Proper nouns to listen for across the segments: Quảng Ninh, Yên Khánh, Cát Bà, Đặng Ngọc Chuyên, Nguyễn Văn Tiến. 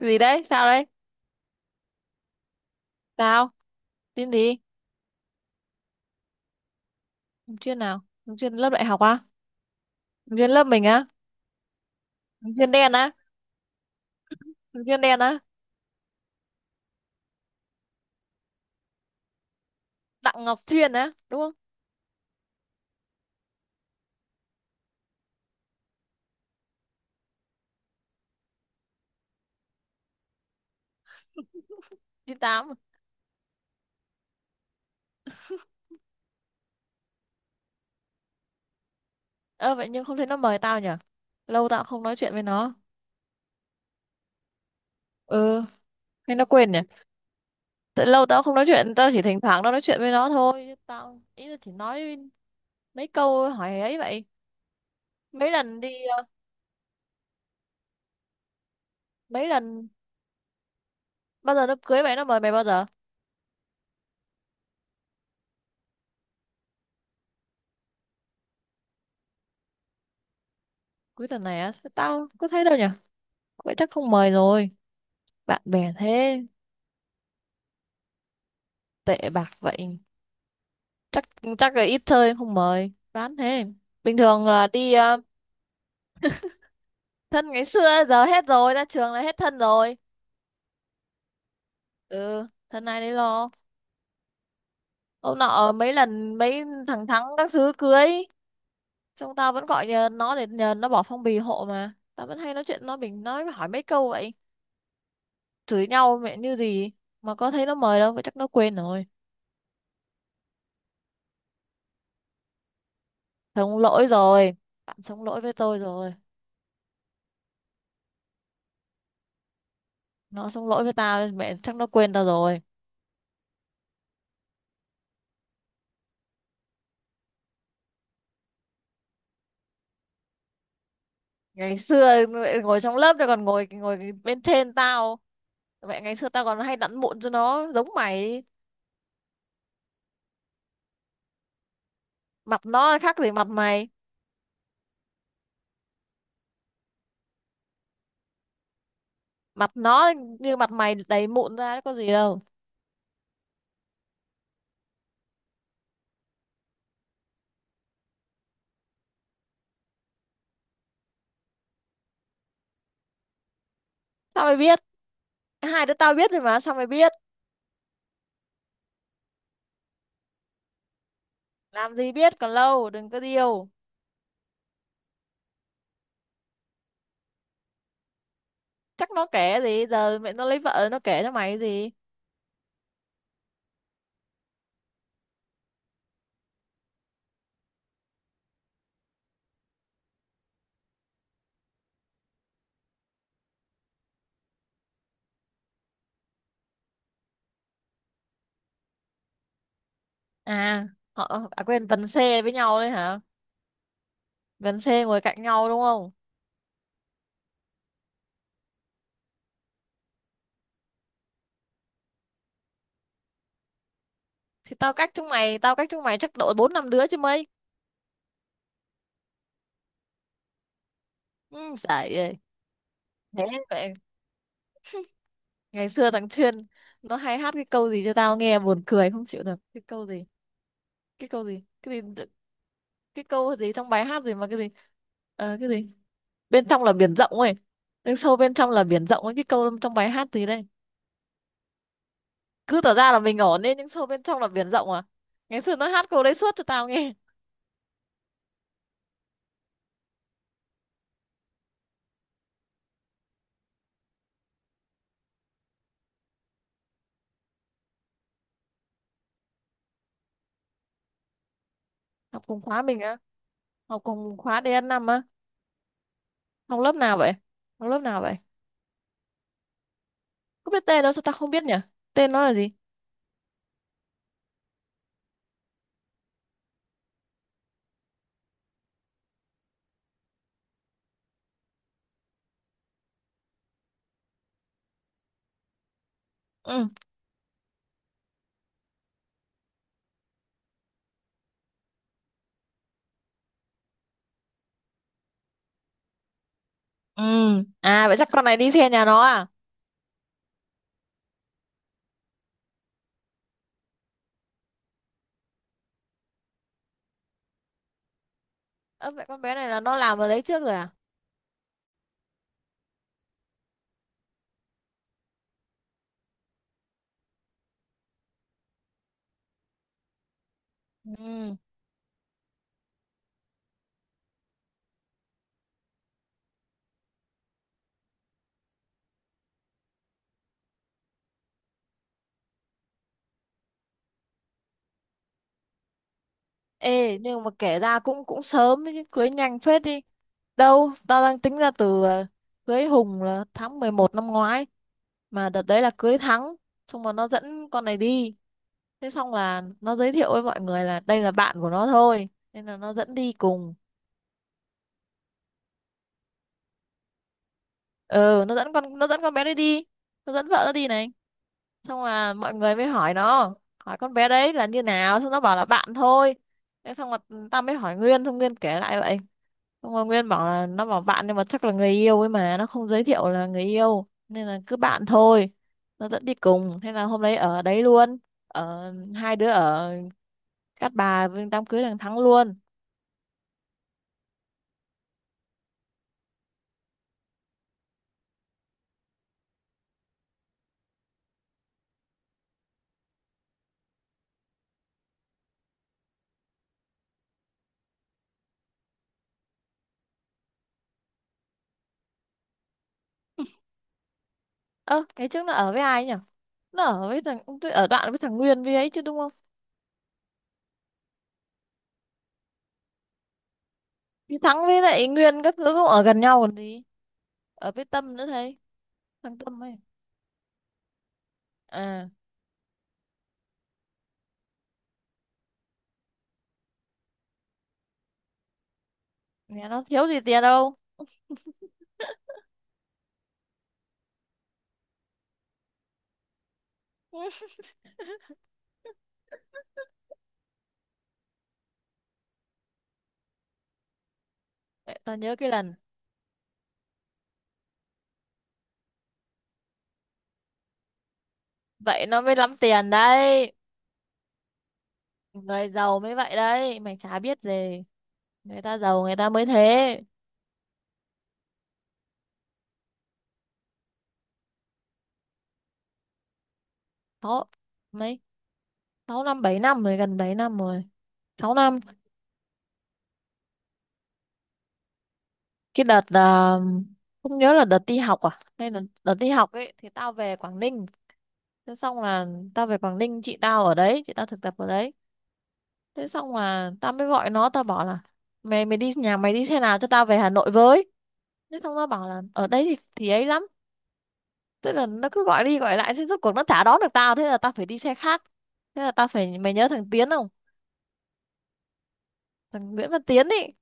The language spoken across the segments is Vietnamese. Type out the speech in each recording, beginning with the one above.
Gì đấy? Sao đấy? Sao? Tin gì? Ứng chuyên nào? Ứng chuyên lớp đại học á? Ứng chuyên lớp mình á? Ứng chuyên đen á? Ứng chuyên đen á? Đặng Ngọc Chuyên á, đúng không? 98? Ơ vậy nhưng không thấy nó mời tao nhỉ. Lâu tao cũng không nói chuyện với nó. Ừ. Hay nó quên nhỉ. Tại lâu tao cũng không nói chuyện, tao chỉ thỉnh thoảng tao nói chuyện với nó thôi, chứ tao ý là chỉ nói mấy câu hỏi ấy vậy. Mấy lần đi mấy lần bao giờ nó cưới mày, nó mời mày bao giờ? Cuối tuần này á? Tao có thấy đâu nhỉ. Vậy chắc không mời rồi. Bạn bè thế. Tệ bạc vậy. Chắc chắc là ít chơi em không mời, đoán thế. Bình thường là đi thân ngày xưa giờ hết rồi, ra trường là hết thân rồi. Ừ, thân này đấy lo. Ông nọ mấy lần mấy thằng thắng các thứ cưới xong tao vẫn gọi nhờ nó, để nhờ nó bỏ phong bì hộ, mà tao vẫn hay nói chuyện nó, mình nói hỏi mấy câu vậy. Chửi nhau mẹ như gì mà có thấy nó mời đâu, vậy chắc nó quên rồi. Sống lỗi rồi. Bạn sống lỗi với tôi rồi. Nó sống lỗi với tao, mẹ, chắc nó quên tao rồi. Ngày xưa mẹ ngồi trong lớp tao còn ngồi ngồi bên trên tao. Mẹ ngày xưa tao còn hay đặn mụn cho nó giống mày. Mặt nó khác gì mặt mày. Mặt nó như mặt mày đầy mụn ra có gì đâu. Sao mày biết? Hai đứa tao biết rồi mà sao mày biết? Làm gì biết, còn lâu, đừng có điêu. Chắc nó kể gì, giờ mẹ nó lấy vợ nó kể cho mày cái gì? À họ à, quên, Vân Xê với nhau đấy hả? Vân Xê ngồi cạnh nhau đúng không? Thì tao cách chúng mày, tao cách chúng mày chắc độ bốn năm đứa chứ mấy. Ừ, giải ơi. Thế ngày xưa thằng Chuyên nó hay hát cái câu gì cho tao nghe buồn cười không chịu được. Cái câu gì? Cái câu gì? Cái gì? Cái câu gì trong bài hát gì mà cái gì? Ờ, cái gì bên trong là biển rộng ấy. Nhưng sâu bên trong là biển rộng ấy, cái câu trong bài hát gì đây? Cứ tỏ ra là mình ổn ấy nhưng sâu bên trong là biển rộng à. Ngày xưa nó hát câu đấy suốt cho tao nghe. Học cùng khóa mình á? Học cùng khóa dn năm á? Học lớp nào vậy? Học lớp nào vậy? Có biết tên nó, sao tao không biết nhỉ? Tên nó là gì? Ừ. Ừ. À vậy chắc con này đi xe nhà nó à? Ơ vậy con bé này là nó làm ở đấy trước rồi à? Ừ. Ê, nhưng mà kể ra cũng cũng sớm đấy chứ, cưới nhanh phết đi. Đâu, tao đang tính ra từ cưới Hùng là tháng 11 năm ngoái. Mà đợt đấy là cưới Thắng, xong rồi nó dẫn con này đi. Thế xong là nó giới thiệu với mọi người là đây là bạn của nó thôi. Nên là nó dẫn đi cùng. Ừ, nó dẫn con, nó dẫn con bé đấy đi. Nó dẫn vợ nó đi này. Xong là mọi người mới hỏi nó, hỏi con bé đấy là như nào, xong nó bảo là bạn thôi. Thế xong rồi tao mới hỏi Nguyên, xong Nguyên kể lại vậy. Xong rồi Nguyên bảo là nó bảo bạn nhưng mà chắc là người yêu ấy, mà nó không giới thiệu là người yêu nên là cứ bạn thôi. Nó dẫn đi cùng, thế là hôm đấy ở đấy luôn. Ở, hai đứa ở Cát Bà với đám cưới thằng Thắng luôn. Ơ cái trước nó ở với ai nhỉ? Nó ở với thằng tôi, ở đoạn với thằng Nguyên với ấy chứ đúng không? Thì Thắng với lại Nguyên các thứ cũng ở gần nhau còn gì. Ở với Tâm nữa thấy. Thằng Tâm ấy. À. Nhà nó thiếu gì tiền đâu. Vậy tao nhớ cái lần vậy nó mới lắm tiền đấy. Người giàu mới vậy đấy mày chả biết gì. Người ta giàu người ta mới thế. Sáu, mấy, sáu năm bảy năm rồi, gần bảy năm rồi. Sáu năm. Cái đợt là không nhớ là đợt đi học à, hay là đợt đi học ấy, thì tao về Quảng Ninh. Thế xong là tao về Quảng Ninh, chị tao ở đấy, chị tao thực tập ở đấy. Thế xong là tao mới gọi nó, tao bảo là mày mày đi, nhà mày đi xe nào cho tao về Hà Nội với. Thế xong nó bảo là ở đấy thì ấy lắm. Tức là nó cứ gọi đi gọi lại, thế rốt cuộc nó chả đón được tao, thế là tao phải đi xe khác. Thế là tao phải, mày nhớ thằng Tiến không? Thằng Nguyễn Văn Tiến ý.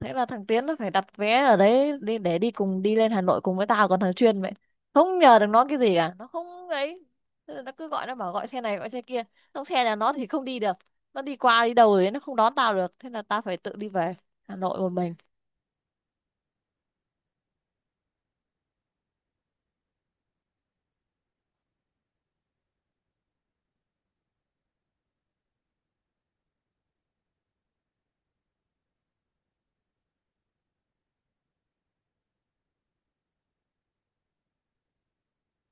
Thế là thằng Tiến nó phải đặt vé ở đấy đi để đi cùng, đi lên Hà Nội cùng với tao, còn thằng Chuyên vậy không nhờ được nó cái gì cả, nó không ấy. Thế là nó cứ gọi, nó bảo gọi xe này gọi xe kia, trong xe nhà nó thì không đi được. Nó đi qua đi đâu rồi nó không đón tao được, thế là tao phải tự đi về Hà Nội một mình.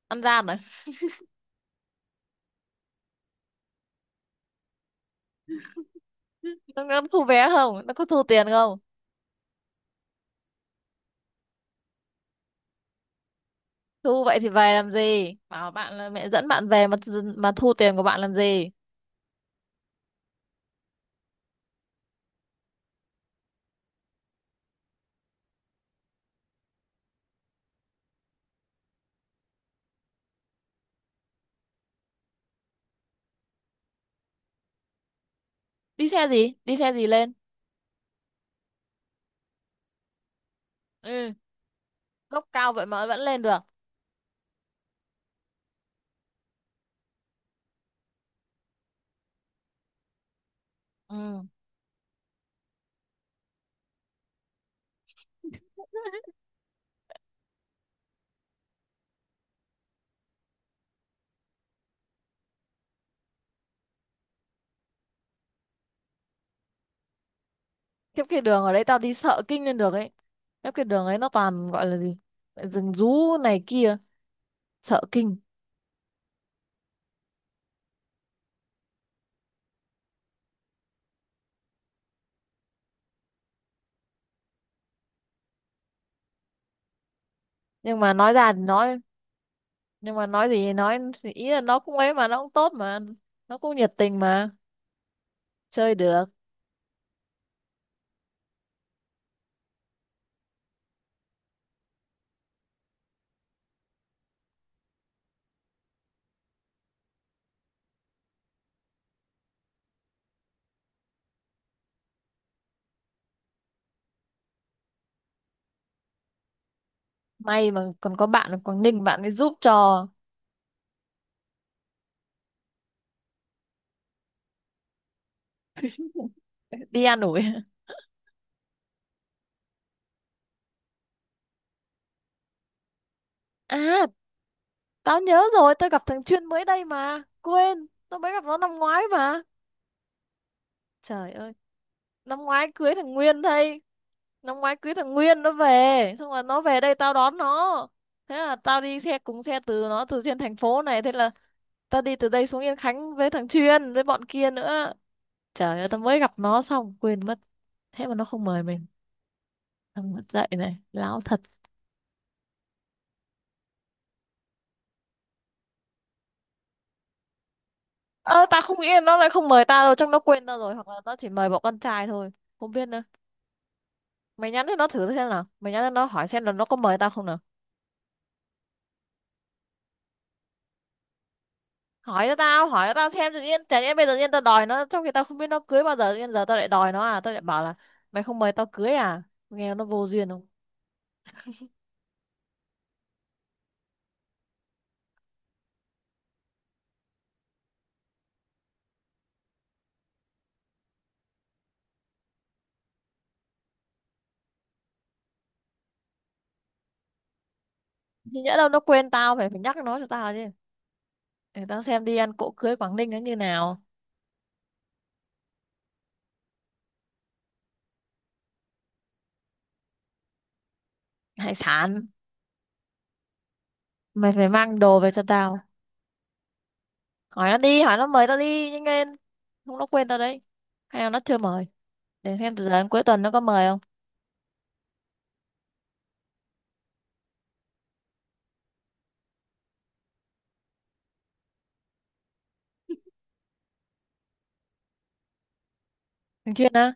Ăn gian rồi. Nó thu vé không, nó có thu tiền không? Thu vậy thì về làm gì? Bảo bạn là mẹ dẫn bạn về mà. Mà thu tiền của bạn làm gì? Đi xe gì? Đi xe gì lên? Ừ, gốc cao vậy mà vẫn lên được. Ừ. Kiếp cái đường ở đấy tao đi sợ kinh lên được ấy. Kiếp cái đường ấy nó toàn gọi là gì? Rừng rú này kia, sợ kinh. Nhưng mà nói ra thì nói, nhưng mà nói gì thì nói, thì ý là nó cũng ấy mà, nó cũng tốt mà, nó cũng nhiệt tình mà, chơi được. May mà còn có bạn ở Quảng Ninh, bạn ấy giúp cho. Đi an ủi. À, tao nhớ rồi, tao gặp thằng Chuyên mới đây mà. Quên, tao mới gặp nó năm ngoái mà. Trời ơi, năm ngoái cưới thằng Nguyên đây. Năm ngoái cưới thằng Nguyên nó về. Xong rồi nó về đây tao đón nó. Thế là tao đi xe cùng xe từ nó, từ trên thành phố này. Thế là tao đi từ đây xuống Yên Khánh với thằng Chuyên, với bọn kia nữa. Trời ơi, tao mới gặp nó xong, quên mất. Thế mà nó không mời mình. Tao mất dạy này, láo thật. Ơ, tao không nghĩ là nó lại không mời tao đâu, chắc nó quên tao rồi. Hoặc là nó chỉ mời bọn con trai thôi. Không biết nữa. Mày nhắn cho nó thử xem nào, mày nhắn cho nó hỏi xem là nó có mời tao không nào. Hỏi cho tao xem, tự nhiên chả nhẽ bây giờ tự nhiên tao đòi nó, trong khi tao không biết nó cưới bao giờ, tự nhiên giờ tao lại đòi nó à, tao lại bảo là mày không mời tao cưới à, nghe nó vô duyên không? Thì nhỡ đâu nó quên tao, phải phải nhắc nó cho tao chứ. Để tao xem đi ăn cỗ cưới Quảng Ninh nó như nào. Hải sản. Mày phải mang đồ về cho tao. Hỏi nó đi, hỏi nó mời tao đi nhanh lên, không nó quên tao đấy. Hay là nó chưa mời. Để xem từ giờ đến cuối tuần nó có mời không. Thường xuyên á?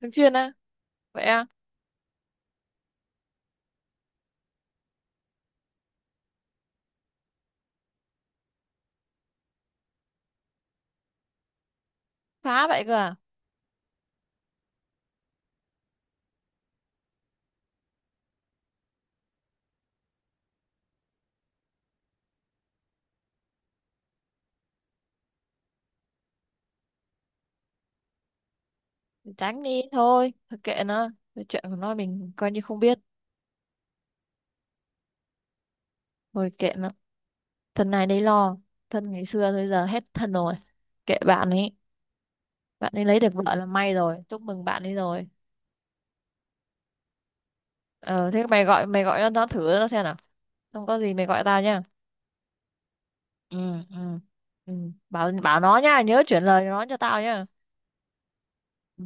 Thường xuyên á? Vậy à? Phá vậy cơ à? Tránh đi thôi, thôi kệ nó. Cái chuyện của nó mình coi như không biết. Thôi kệ nó. Thân này đấy lo. Thân ngày xưa bây giờ hết thân rồi. Kệ bạn ấy. Bạn ấy lấy được vợ là may rồi, chúc mừng bạn ấy rồi. Ờ thế mày gọi, mày gọi nó thử nó xem nào. Không có gì mày gọi tao nhá. Ừ. Ừ. Ừ. bảo bảo nó nhá, nhớ chuyển lời nó cho tao nhá. Ừ.